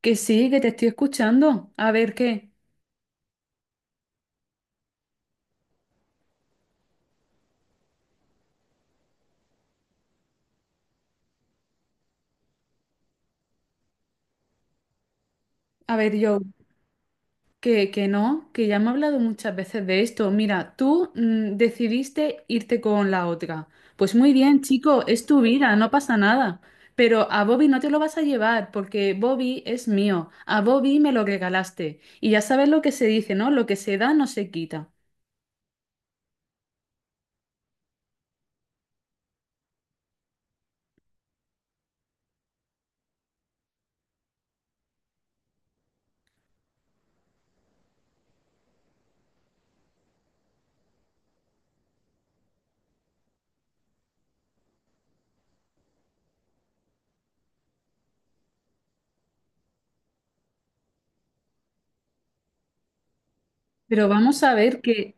Que sí, que te estoy escuchando. A ver qué, a ver yo, que no, que ya me he hablado muchas veces de esto. Mira, tú decidiste irte con la otra. Pues muy bien, chico, es tu vida, no pasa nada. Pero a Bobby no te lo vas a llevar porque Bobby es mío. A Bobby me lo regalaste. Y ya sabes lo que se dice, ¿no? Lo que se da no se quita. Pero vamos a ver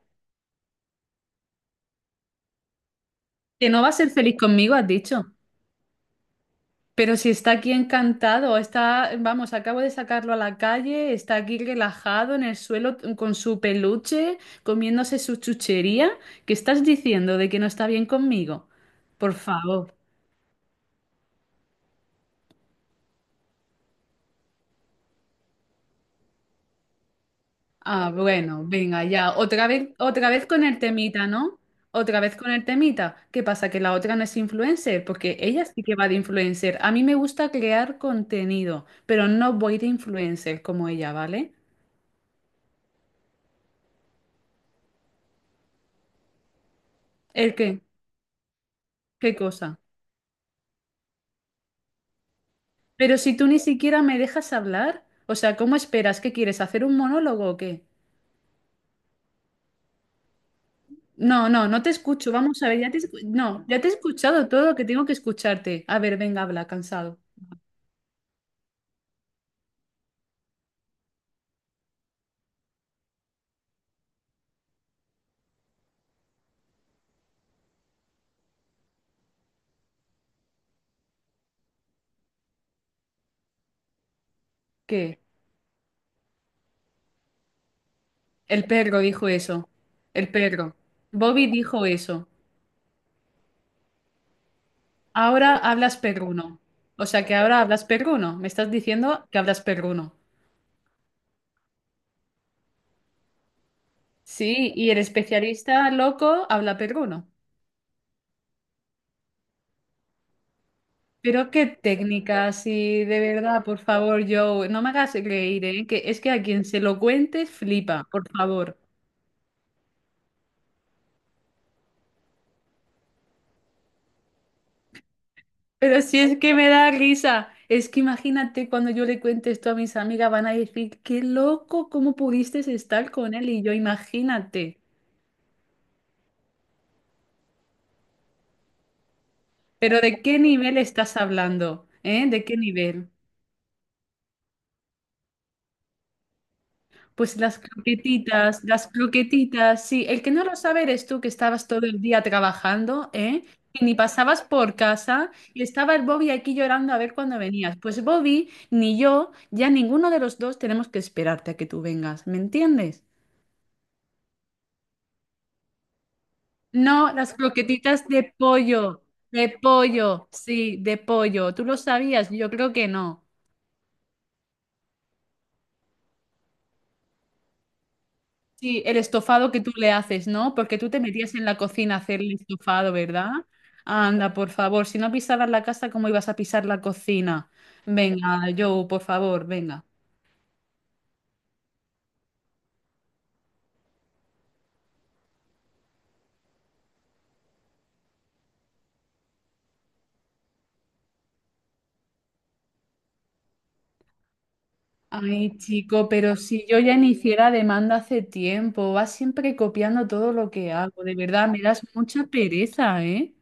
que no va a ser feliz conmigo, has dicho. Pero si está aquí encantado, está, vamos, acabo de sacarlo a la calle, está aquí relajado en el suelo con su peluche, comiéndose su chuchería. ¿Qué estás diciendo de que no está bien conmigo? Por favor. Ah, bueno, venga, ya. Otra vez con el temita, ¿no? Otra vez con el temita. ¿Qué pasa? Que la otra no es influencer, porque ella sí que va de influencer. A mí me gusta crear contenido, pero no voy de influencer como ella, ¿vale? ¿El qué? ¿Qué cosa? Pero si tú ni siquiera me dejas hablar, o sea, ¿cómo esperas? ¿Qué quieres? ¿Hacer un monólogo o qué? No, no, no te escucho. Vamos a ver, no, ya te he escuchado todo lo que tengo que escucharte. A ver, venga, habla, cansado. ¿Qué? El perro dijo eso. El perro. Bobby dijo eso. Ahora hablas perruno. O sea, que ahora hablas perruno. Me estás diciendo que hablas perruno. Sí, y el especialista loco habla perruno. Pero qué técnica, sí, de verdad, por favor, Joe, no me hagas reír, ¿eh? Que es que a quien se lo cuentes flipa, por favor. Pero si es que me da risa, es que imagínate cuando yo le cuente esto a mis amigas, van a decir, qué loco, ¿cómo pudiste estar con él? Y yo, imagínate, pero ¿de qué nivel estás hablando? ¿Eh? ¿De qué nivel? Pues las croquetitas, sí. El que no lo sabe eres tú que estabas todo el día trabajando, ¿eh? Que ni pasabas por casa y estaba el Bobby aquí llorando a ver cuándo venías. Pues Bobby, ni yo, ya ninguno de los dos tenemos que esperarte a que tú vengas, ¿me entiendes? No, las croquetitas de pollo, sí, de pollo. ¿Tú lo sabías? Yo creo que no. Sí, el estofado que tú le haces, ¿no? Porque tú te metías en la cocina a hacer el estofado, ¿verdad? Anda, por favor, si no pisabas la casa, ¿cómo ibas a pisar la cocina? Venga, Joe, por favor, venga. Ay, chico, pero si yo ya iniciara demanda hace tiempo, vas siempre copiando todo lo que hago, de verdad, me das mucha pereza, ¿eh?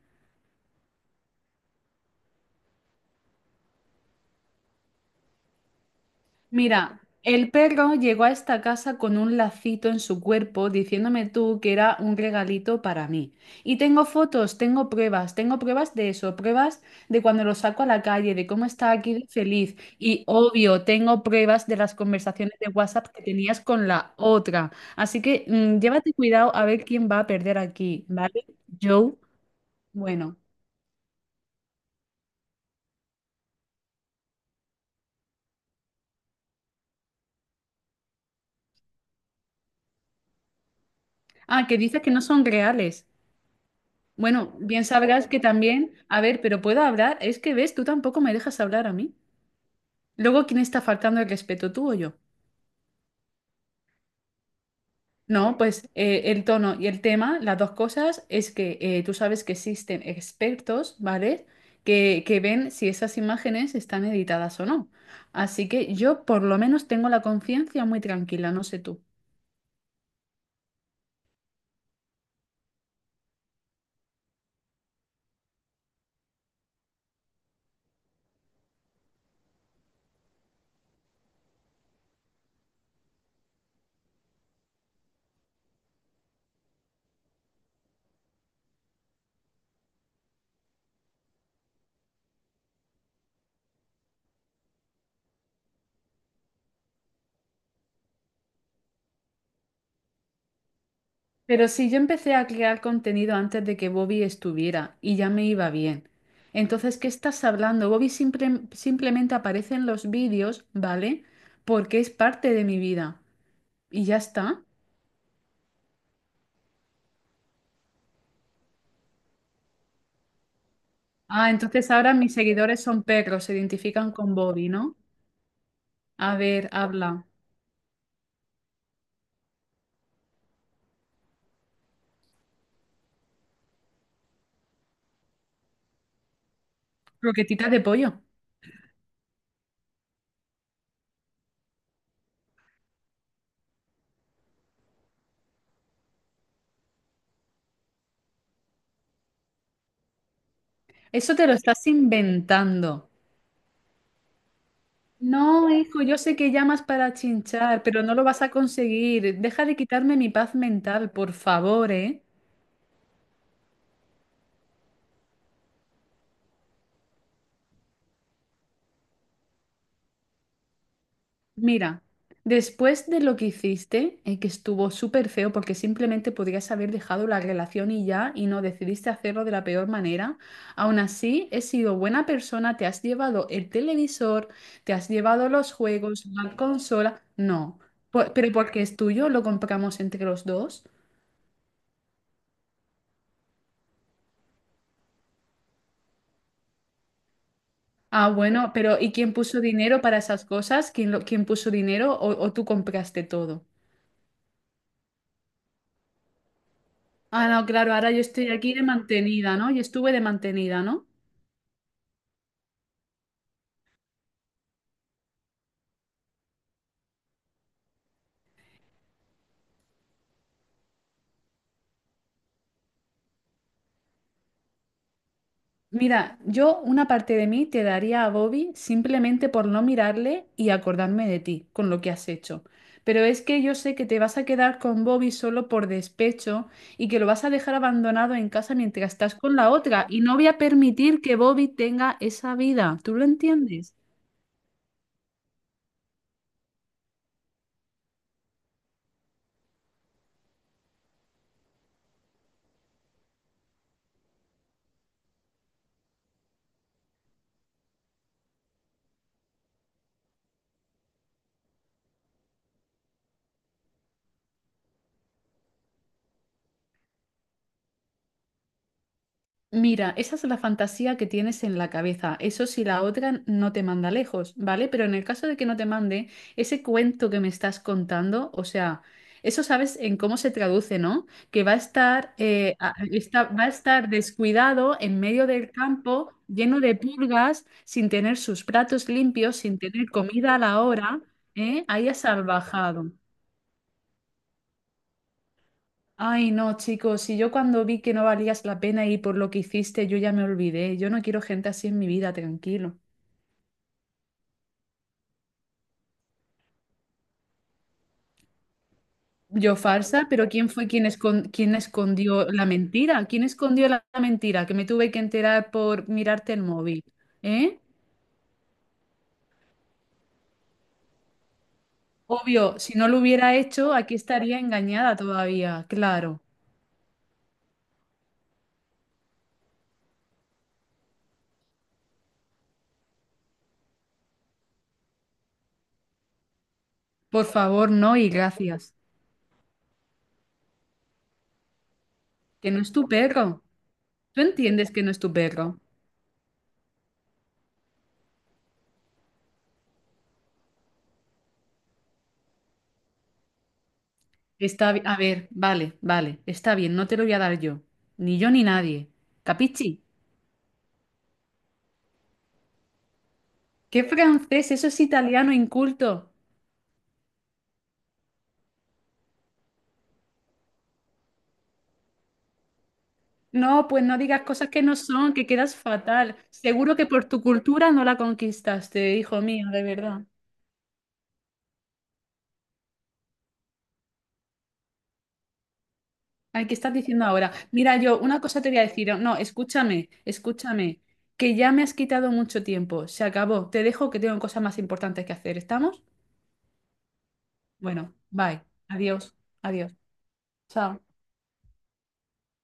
Mira, el perro llegó a esta casa con un lacito en su cuerpo diciéndome tú que era un regalito para mí. Y tengo fotos, tengo pruebas de eso, pruebas de cuando lo saco a la calle, de cómo está aquí de feliz. Y obvio, tengo pruebas de las conversaciones de WhatsApp que tenías con la otra. Así que llévate cuidado a ver quién va a perder aquí, ¿vale? Joe, bueno. Ah, que dices que no son reales. Bueno, bien sabrás que también, a ver, pero puedo hablar, es que ves, tú tampoco me dejas hablar a mí. Luego, ¿quién está faltando el respeto, tú o yo? No, pues el tono y el tema, las dos cosas, es que tú sabes que existen expertos, ¿vale? Que ven si esas imágenes están editadas o no. Así que yo por lo menos tengo la conciencia muy tranquila, no sé tú. Pero si yo empecé a crear contenido antes de que Bobby estuviera y ya me iba bien. Entonces, ¿qué estás hablando? Bobby simplemente aparece en los vídeos, ¿vale? Porque es parte de mi vida. Y ya está. Ah, entonces ahora mis seguidores son perros, se identifican con Bobby, ¿no? A ver, habla. Croquetitas de pollo. Eso te lo estás inventando. No, hijo, yo sé que llamas para chinchar, pero no lo vas a conseguir. Deja de quitarme mi paz mental, por favor, ¿eh? Mira, después de lo que hiciste, que estuvo súper feo porque simplemente podrías haber dejado la relación y ya, y no decidiste hacerlo de la peor manera, aún así he sido buena persona, te has llevado el televisor, te has llevado los juegos, la consola, no, pero porque es tuyo, lo compramos entre los dos. Ah, bueno, pero ¿y quién puso dinero para esas cosas? ¿Quién, quién puso dinero o tú compraste todo? Ah, no, claro, ahora yo estoy aquí de mantenida, ¿no? Yo estuve de mantenida, ¿no? Mira, yo una parte de mí te daría a Bobby simplemente por no mirarle y acordarme de ti, con lo que has hecho. Pero es que yo sé que te vas a quedar con Bobby solo por despecho y que lo vas a dejar abandonado en casa mientras estás con la otra. Y no voy a permitir que Bobby tenga esa vida. ¿Tú lo entiendes? Mira, esa es la fantasía que tienes en la cabeza. Eso si la otra no te manda lejos, ¿vale? Pero en el caso de que no te mande, ese cuento que me estás contando, o sea, eso sabes en cómo se traduce, ¿no? Que va a estar, va a estar descuidado en medio del campo, lleno de pulgas, sin tener sus platos limpios, sin tener comida a la hora, ¿eh? Ahí has salvajado. Ay, no, chicos, si yo cuando vi que no valías la pena y por lo que hiciste, yo ya me olvidé. Yo no quiero gente así en mi vida, tranquilo. Yo falsa, pero ¿quién fue quien, quien escondió la mentira? ¿Quién escondió la mentira? Que me tuve que enterar por mirarte el móvil. ¿Eh? Obvio, si no lo hubiera hecho, aquí estaría engañada todavía, claro. Por favor, no y gracias. Que no es tu perro. ¿Tú entiendes que no es tu perro? Está, a ver, vale, vale, está bien, no te lo voy a dar yo ni nadie. ¿Capichi? ¿Qué francés? Eso es italiano inculto. No, pues no digas cosas que no son, que quedas fatal. Seguro que por tu cultura no la conquistaste, hijo mío, de verdad. Ay, ¿qué estás diciendo ahora? Mira, yo una cosa te voy a decir. No, escúchame, escúchame, que ya me has quitado mucho tiempo. Se acabó. Te dejo que tengo cosas más importantes que hacer. ¿Estamos? Bueno, bye. Adiós, adiós. Chao.